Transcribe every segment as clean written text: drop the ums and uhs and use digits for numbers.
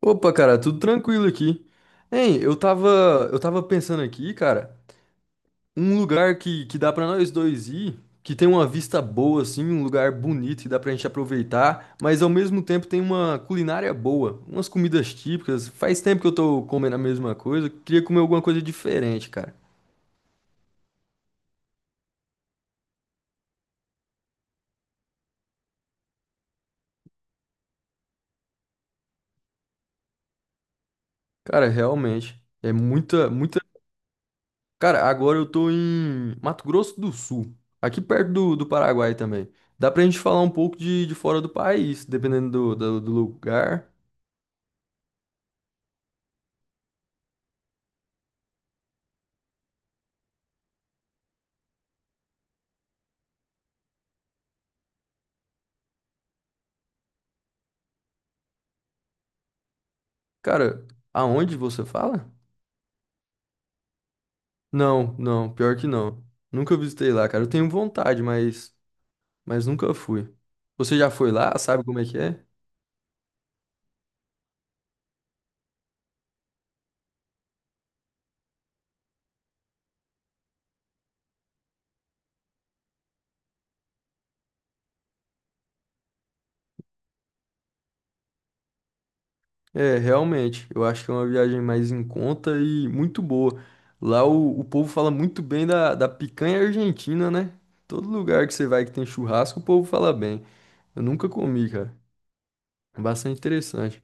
Opa, cara, tudo tranquilo aqui. Hein, eu tava pensando aqui, cara, um lugar que dá pra nós dois ir, que tem uma vista boa, assim, um lugar bonito que dá pra gente aproveitar, mas ao mesmo tempo tem uma culinária boa, umas comidas típicas. Faz tempo que eu tô comendo a mesma coisa, queria comer alguma coisa diferente, cara. Cara, realmente, é muita, muita. Cara, agora eu tô em Mato Grosso do Sul, aqui perto do Paraguai também. Dá pra gente falar um pouco de fora do país, dependendo do lugar. Cara, aonde você fala? Não, não, pior que não. Nunca visitei lá, cara. Eu tenho vontade, mas nunca fui. Você já foi lá? Sabe como é que é? É, realmente. Eu acho que é uma viagem mais em conta e muito boa. Lá o povo fala muito bem da picanha argentina, né? Todo lugar que você vai que tem churrasco, o povo fala bem. Eu nunca comi, cara. É bastante interessante.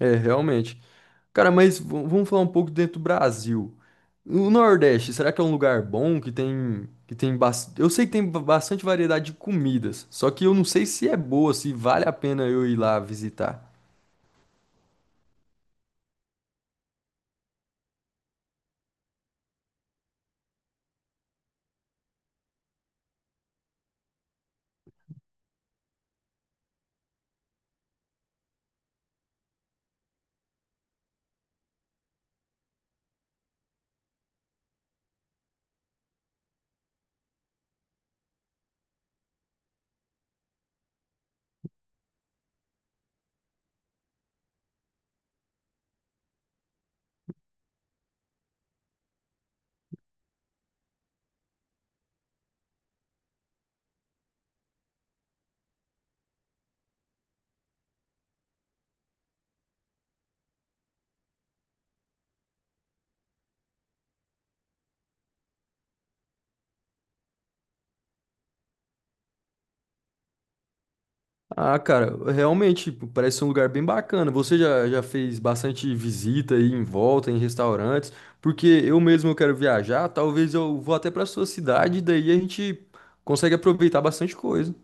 É, realmente. Cara, mas vamos falar um pouco dentro do Brasil. O Nordeste, será que é um lugar bom Eu sei que tem bastante variedade de comidas, só que eu não sei se é boa, se vale a pena eu ir lá visitar. Ah, cara, realmente parece ser um lugar bem bacana. Você já fez bastante visita aí em volta, em restaurantes, porque eu mesmo eu quero viajar, talvez eu vou até para sua cidade, daí a gente consegue aproveitar bastante coisa.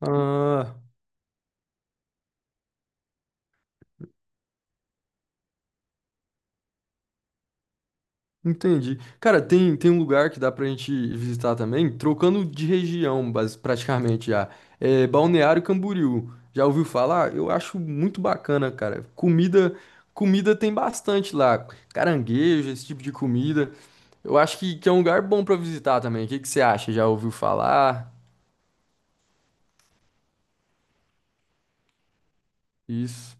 Ah, entendi. Cara, tem um lugar que dá pra gente visitar também, trocando de região, praticamente já. É Balneário Camboriú. Já ouviu falar? Eu acho muito bacana, cara. Comida tem bastante lá. Caranguejo, esse tipo de comida. Eu acho que é um lugar bom pra visitar também. O que que você acha? Já ouviu falar? Isso.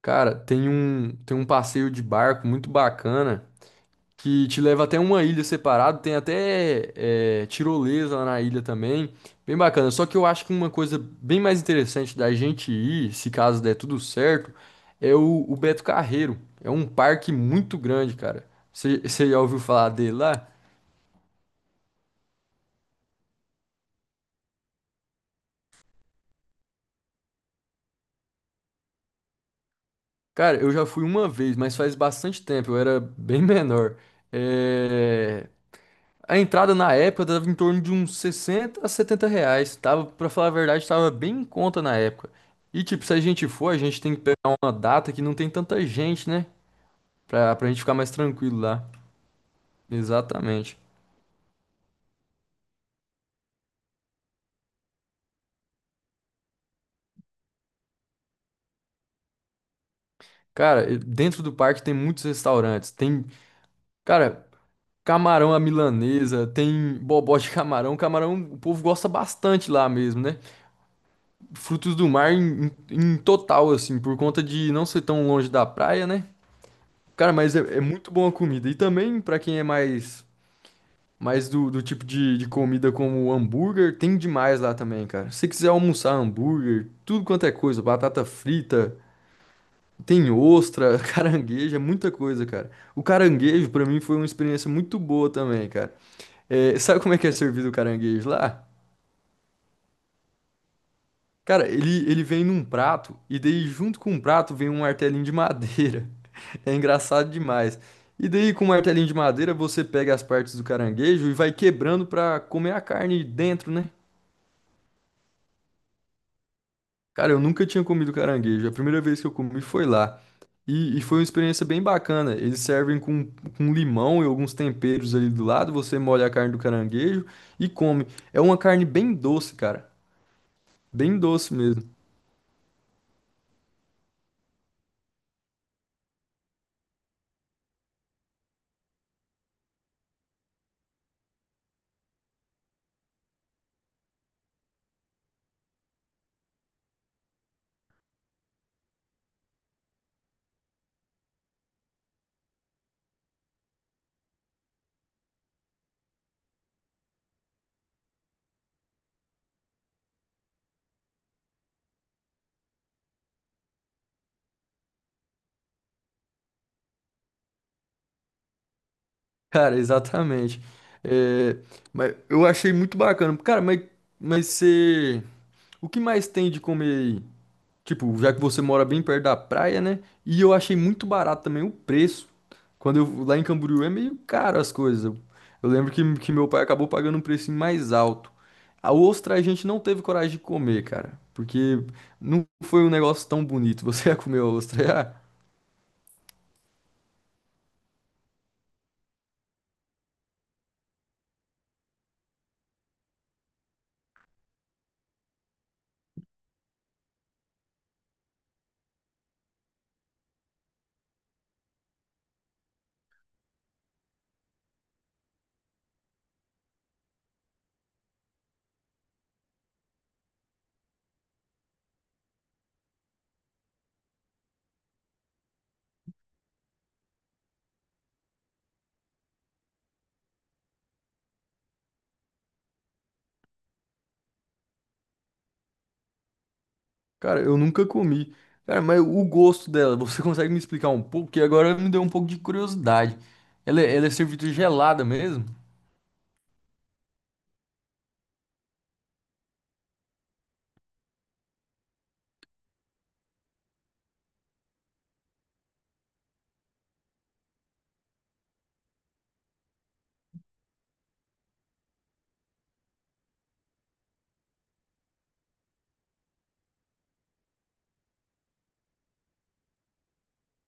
Cara, tem um passeio de barco muito bacana que te leva até uma ilha separada. Tem até tirolesa lá na ilha também. Bem bacana. Só que eu acho que uma coisa bem mais interessante da gente ir, se caso der tudo certo, é o Beto Carreiro. É um parque muito grande, cara. Você já ouviu falar dele lá? Cara, eu já fui uma vez, mas faz bastante tempo. Eu era bem menor. É... A entrada na época dava em torno de uns 60 a 70 reais. Tava, pra falar a verdade, tava bem em conta na época. E tipo, se a gente for, a gente tem que pegar uma data que não tem tanta gente, né? Pra gente ficar mais tranquilo lá. Exatamente. Cara, e dentro do parque tem muitos restaurantes. Tem, cara, camarão à milanesa, tem bobó de camarão. Camarão, o povo gosta bastante lá mesmo, né? Frutos do mar em, em total, assim, por conta de não ser tão longe da praia, né? Cara, mas é muito boa a comida. E também, pra quem é mais do tipo de comida como hambúrguer, tem demais lá também, cara. Se você quiser almoçar hambúrguer, tudo quanto é coisa, batata frita, tem ostra, caranguejo, é muita coisa, cara. O caranguejo, pra mim, foi uma experiência muito boa também, cara. É, sabe como é que é servido o caranguejo lá? Cara, ele vem num prato e daí junto com o prato vem um martelinho de madeira. É engraçado demais. E daí com o martelinho de madeira você pega as partes do caranguejo e vai quebrando pra comer a carne dentro, né? Cara, eu nunca tinha comido caranguejo. A primeira vez que eu comi foi lá. E foi uma experiência bem bacana. Eles servem com limão e alguns temperos ali do lado. Você molha a carne do caranguejo e come. É uma carne bem doce, cara. Bem doce mesmo. Cara, exatamente. É, mas eu achei muito bacana. Cara, mas você. O que mais tem de comer aí? Tipo, já que você mora bem perto da praia, né? E eu achei muito barato também o preço. Quando eu lá em Camboriú é meio caro as coisas. Eu lembro que meu pai acabou pagando um preço mais alto. A ostra a gente não teve coragem de comer, cara. Porque não foi um negócio tão bonito. Você ia comer a ostra, já? Cara, eu nunca comi. Cara, mas o gosto dela, você consegue me explicar um pouco? Que agora me deu um pouco de curiosidade. Ela é servida gelada mesmo?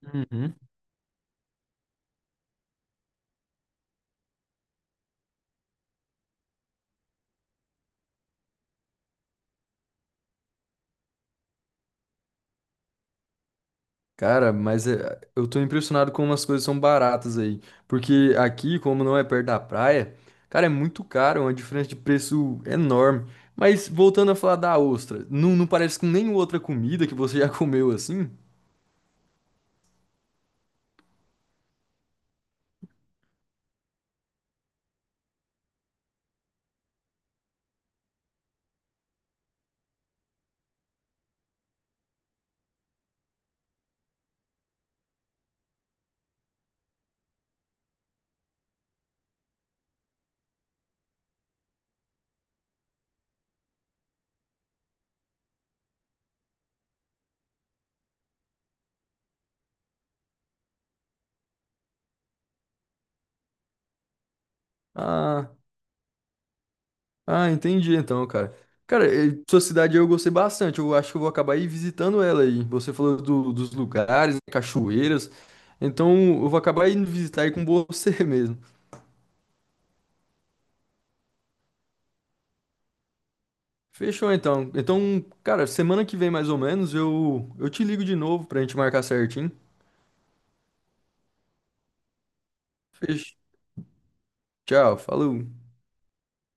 Uhum. Cara, mas eu tô impressionado como as coisas são baratas aí. Porque aqui, como não é perto da praia, cara, é muito caro, é uma diferença de preço enorme. Mas voltando a falar da ostra, não, não parece com nenhuma outra comida que você já comeu assim? Ah. Ah, entendi então, cara. Cara, sua cidade eu gostei bastante. Eu acho que eu vou acabar aí visitando ela aí. Você falou dos lugares, né, cachoeiras. Então eu vou acabar indo visitar aí com você mesmo. Fechou então. Então, cara, semana que vem mais ou menos eu te ligo de novo pra gente marcar certinho. Fechou. Tchau, falou.